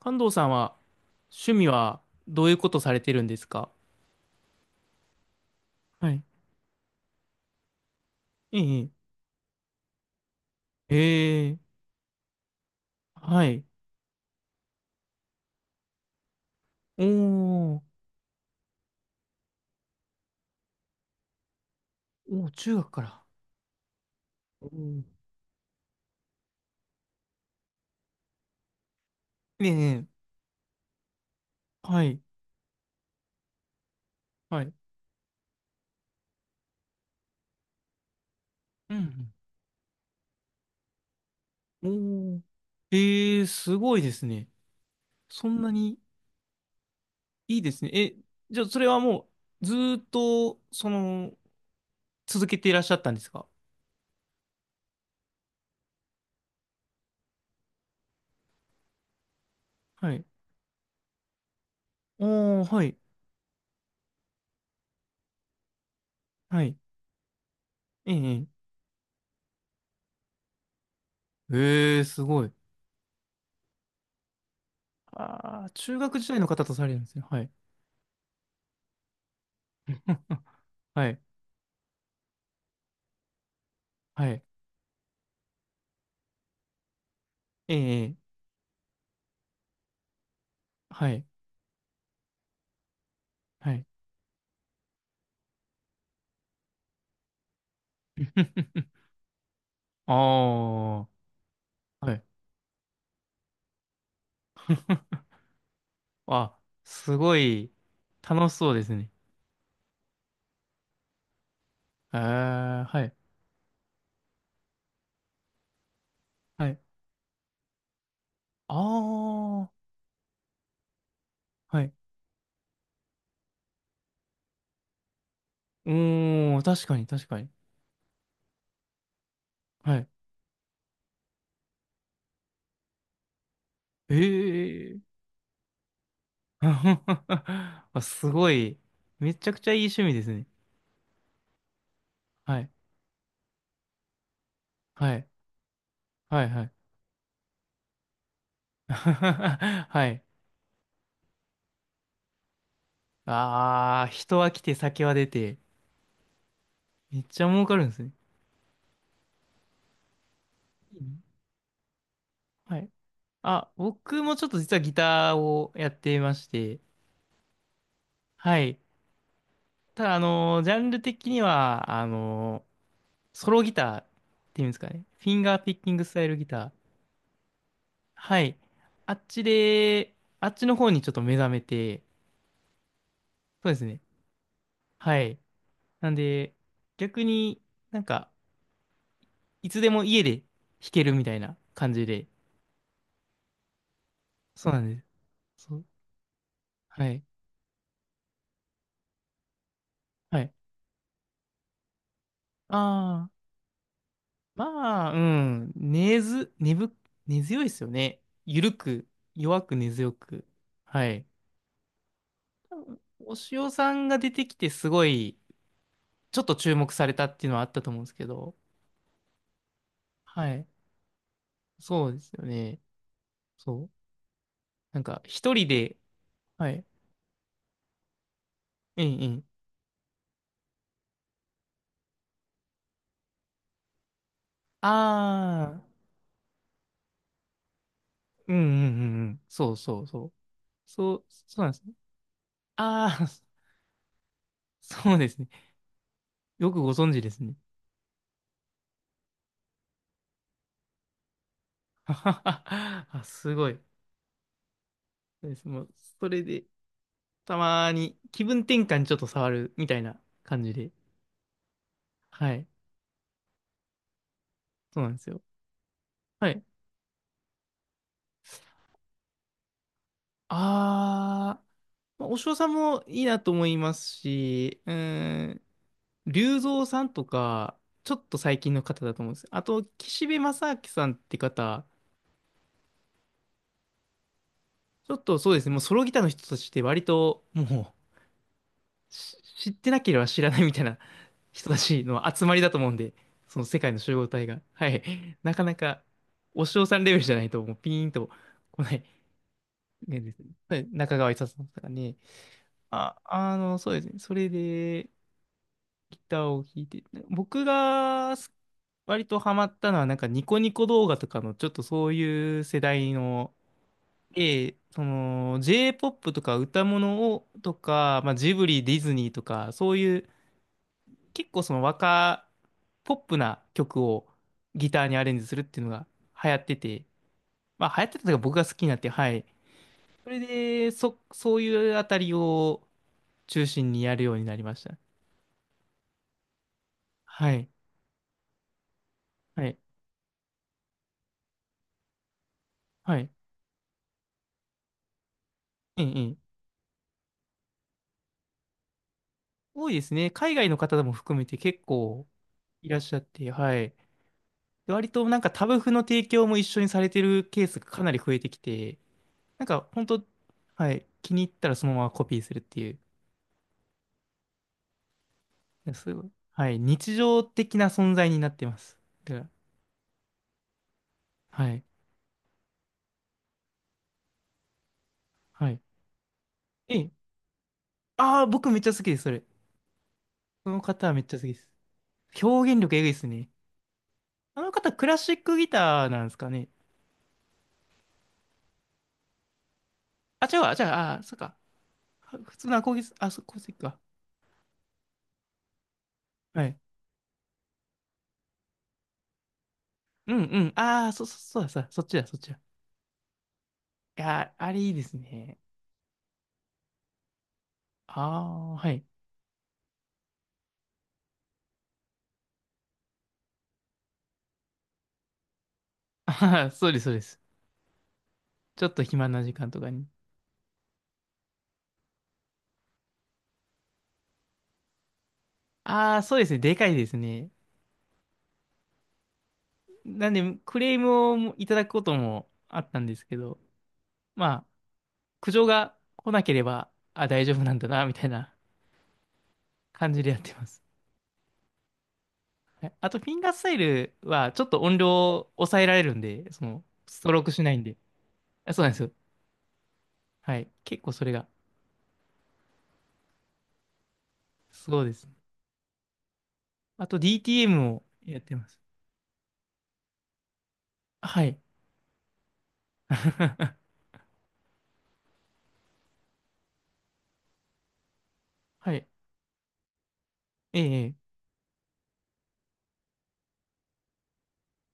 関東さんは趣味はどういうことされてるんですか？はい。ええ、ええ、はい。おー、おー、中学から。おーええ、はい、はい。うん、うん。おー、ええ、すごいですね。そんなにいいですね。え、じゃあそれはもうずーっと、その、続けていらっしゃったんですか？はい。おー、はい、はい。ええ、ええ、すごい。ああ、中学時代の方とされるんですね。はい。はい。はい。ええ、ええはい。はい。ああ、はい。あ、すごい楽しそうですね。ええ、はい。はい。ああ、はい。うーん、確かに、確かに。はい。ええ。あ、すごい。めちゃくちゃいい趣味ですね。はい。はい。はい、はい。はい。ああ、人は来て酒は出て、めっちゃ儲かるんですね。いいね。はい。あ、僕もちょっと実はギターをやっていまして、はい。ただ、ジャンル的には、ソロギターっていうんですかね。フィンガーピッキングスタイルギター。はい。あっちで、あっちの方にちょっと目覚めて、そうですね。はい。なんで、逆になんか、いつでも家で弾けるみたいな感じで。そうなんです。そう。はい。はい。ああ。まあ、うん。根ず、根ぶ、根強いですよね。ゆるく、弱く根強く。はい。多分お塩さんが出てきてすごい、ちょっと注目されたっていうのはあったと思うんですけど。はい。そうですよね。そう。なんか、一人で、はい。ええ、えああ、うんうんうんうん。そうそうそう。そう、そうなんですね。ああ、そうですね。よくご存知ですね。あ、すごい。そうです。もう、それで、たまに気分転換にちょっと触るみたいな感じで。はい。そうなんですよ。はい。あー、まあ、お尚さんもいいなと思いますし、うーん、龍造さんとか、ちょっと最近の方だと思うんです。あと、岸辺正明さんって方、ちょっとそうですね、もうソロギターの人たちって割と、もう、知ってなければ知らないみたいな人たちの集まりだと思うんで、その世界の集合体が。はい。なかなか、お尚さんレベルじゃないと、もうピーンと来ないねですね。はい、中川勇さんとかね。あ、そうですね。それでギターを弾いて、僕がす割とハマったのは、なんかニコニコ動画とかのちょっとそういう世代の、ええ、その J-POP とか歌物をとか、まあ、ジブリ、ディズニーとか、そういう結構その若、ポップな曲をギターにアレンジするっていうのが流行ってて、まあ流行ってたというか僕が好きになって、はい。それで、そういうあたりを中心にやるようになりました。はい。はい。はい。ええ、ええ多いですね。海外の方も含めて結構いらっしゃって、はい。で割となんかタブ譜の提供も一緒にされてるケースがかなり増えてきて、なんか本当、はい。気に入ったらそのままコピーするっていう、すごい、はい。日常的な存在になってます。だから、はい。はい。ええ。ああ、僕めっちゃ好きです、それ。この方はめっちゃ好きです。表現力えぐいですね。あの方、クラシックギターなんですかね。あ、違うわ。じゃあ、あ、そっか。は普通のアコギス、あ、そ、鉱石か。はい。うんうん。ああ、そうだ、そうだ、そっちだ、そっちだ。いやー、あれいいですね。ああ、はい。あはは、そうです、そうです。ちょっと暇な時間とかに。ああ、そうですね。でかいですね。なんで、クレームをいただくこともあったんですけど、まあ、苦情が来なければ、あ、大丈夫なんだな、みたいな感じでやってます。はい。あと、フィンガースタイルは、ちょっと音量を抑えられるんで、その、ストロークしないんで。あ、そうなんですよ。はい。結構それが、そうですね。あと DTM をやってます。はい。はい。ええ。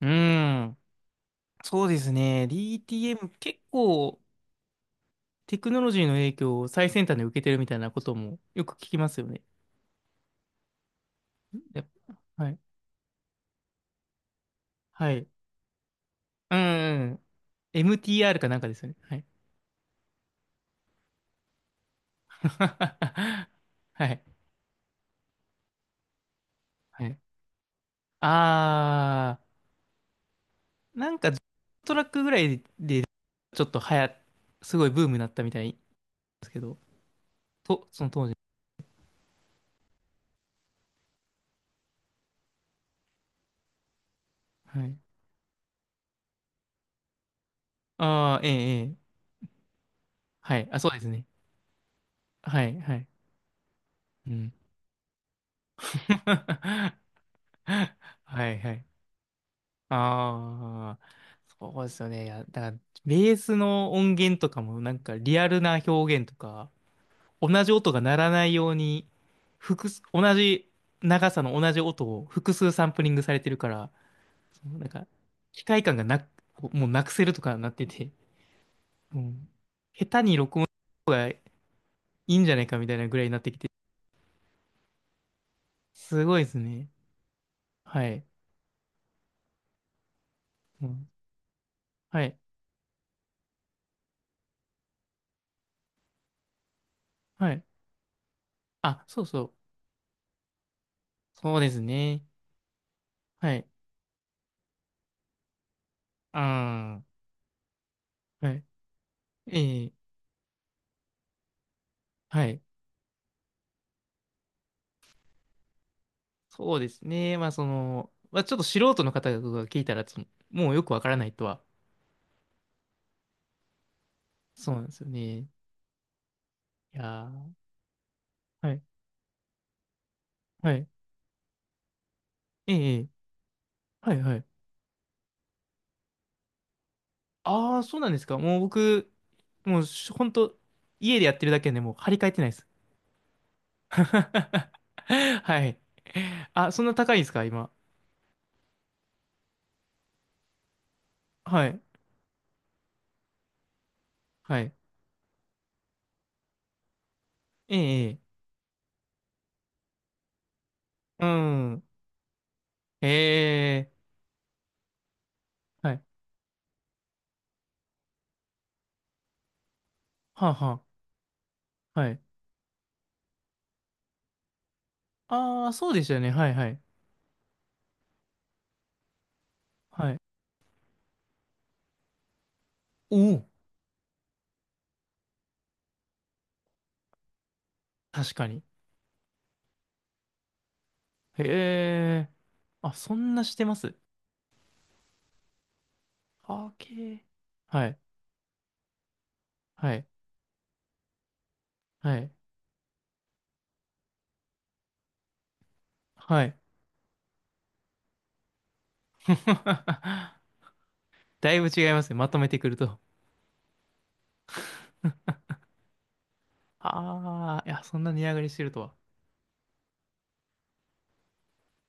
うーん。そうですね。DTM 結構テクノロジーの影響を最先端で受けてるみたいなこともよく聞きますよね。やっぱはい。はい。うん、うん。MTR かなんかですよね。はい。はい。はい。あー、なんかトラックぐらいでちょっと流行、すごいブームになったみたいですけど、と、その当時。はい。ああ、ええ、ええ。はい。あ、そうですね。はい、はい。うん。はい、はい。ああ、そうですよね。いや、だから、ベースの音源とかも、なんか、リアルな表現とか、同じ音が鳴らないように、複数、同じ長さの同じ音を複数サンプリングされてるから、そのなんか、機械感がなく、もうなくせるとかなってて、うん、下手に録音した方がいいんじゃないかみたいなぐらいになってきて、すごいですね。はい。うん。はい。はい。あ、そうそう。そうですね。はい。ああ、はい。ええ、はい。そうですね。まあ、その、まあ、ちょっと素人の方が聞いたら、もうよくわからないとは。そうなんですよね。いやー、はい。はい。ええ、はい、はい。ああ、そうなんですか。もう僕、もう、ほんと、家でやってるだけでもう張り替えてないです。はい。あ、そんな高いんですか、今。はい。はい。ええ、ええうん。ええはい。はあ、はあ、はい。ああ、そうでしたよね。はい、はい。はい。おお、確かに。へえ。あ、そんなしてます。はーけー。はい、はい、はい、はい。だいぶ違いますね。まとめてくると。ああ、いや、そんな値上がりしてるとは。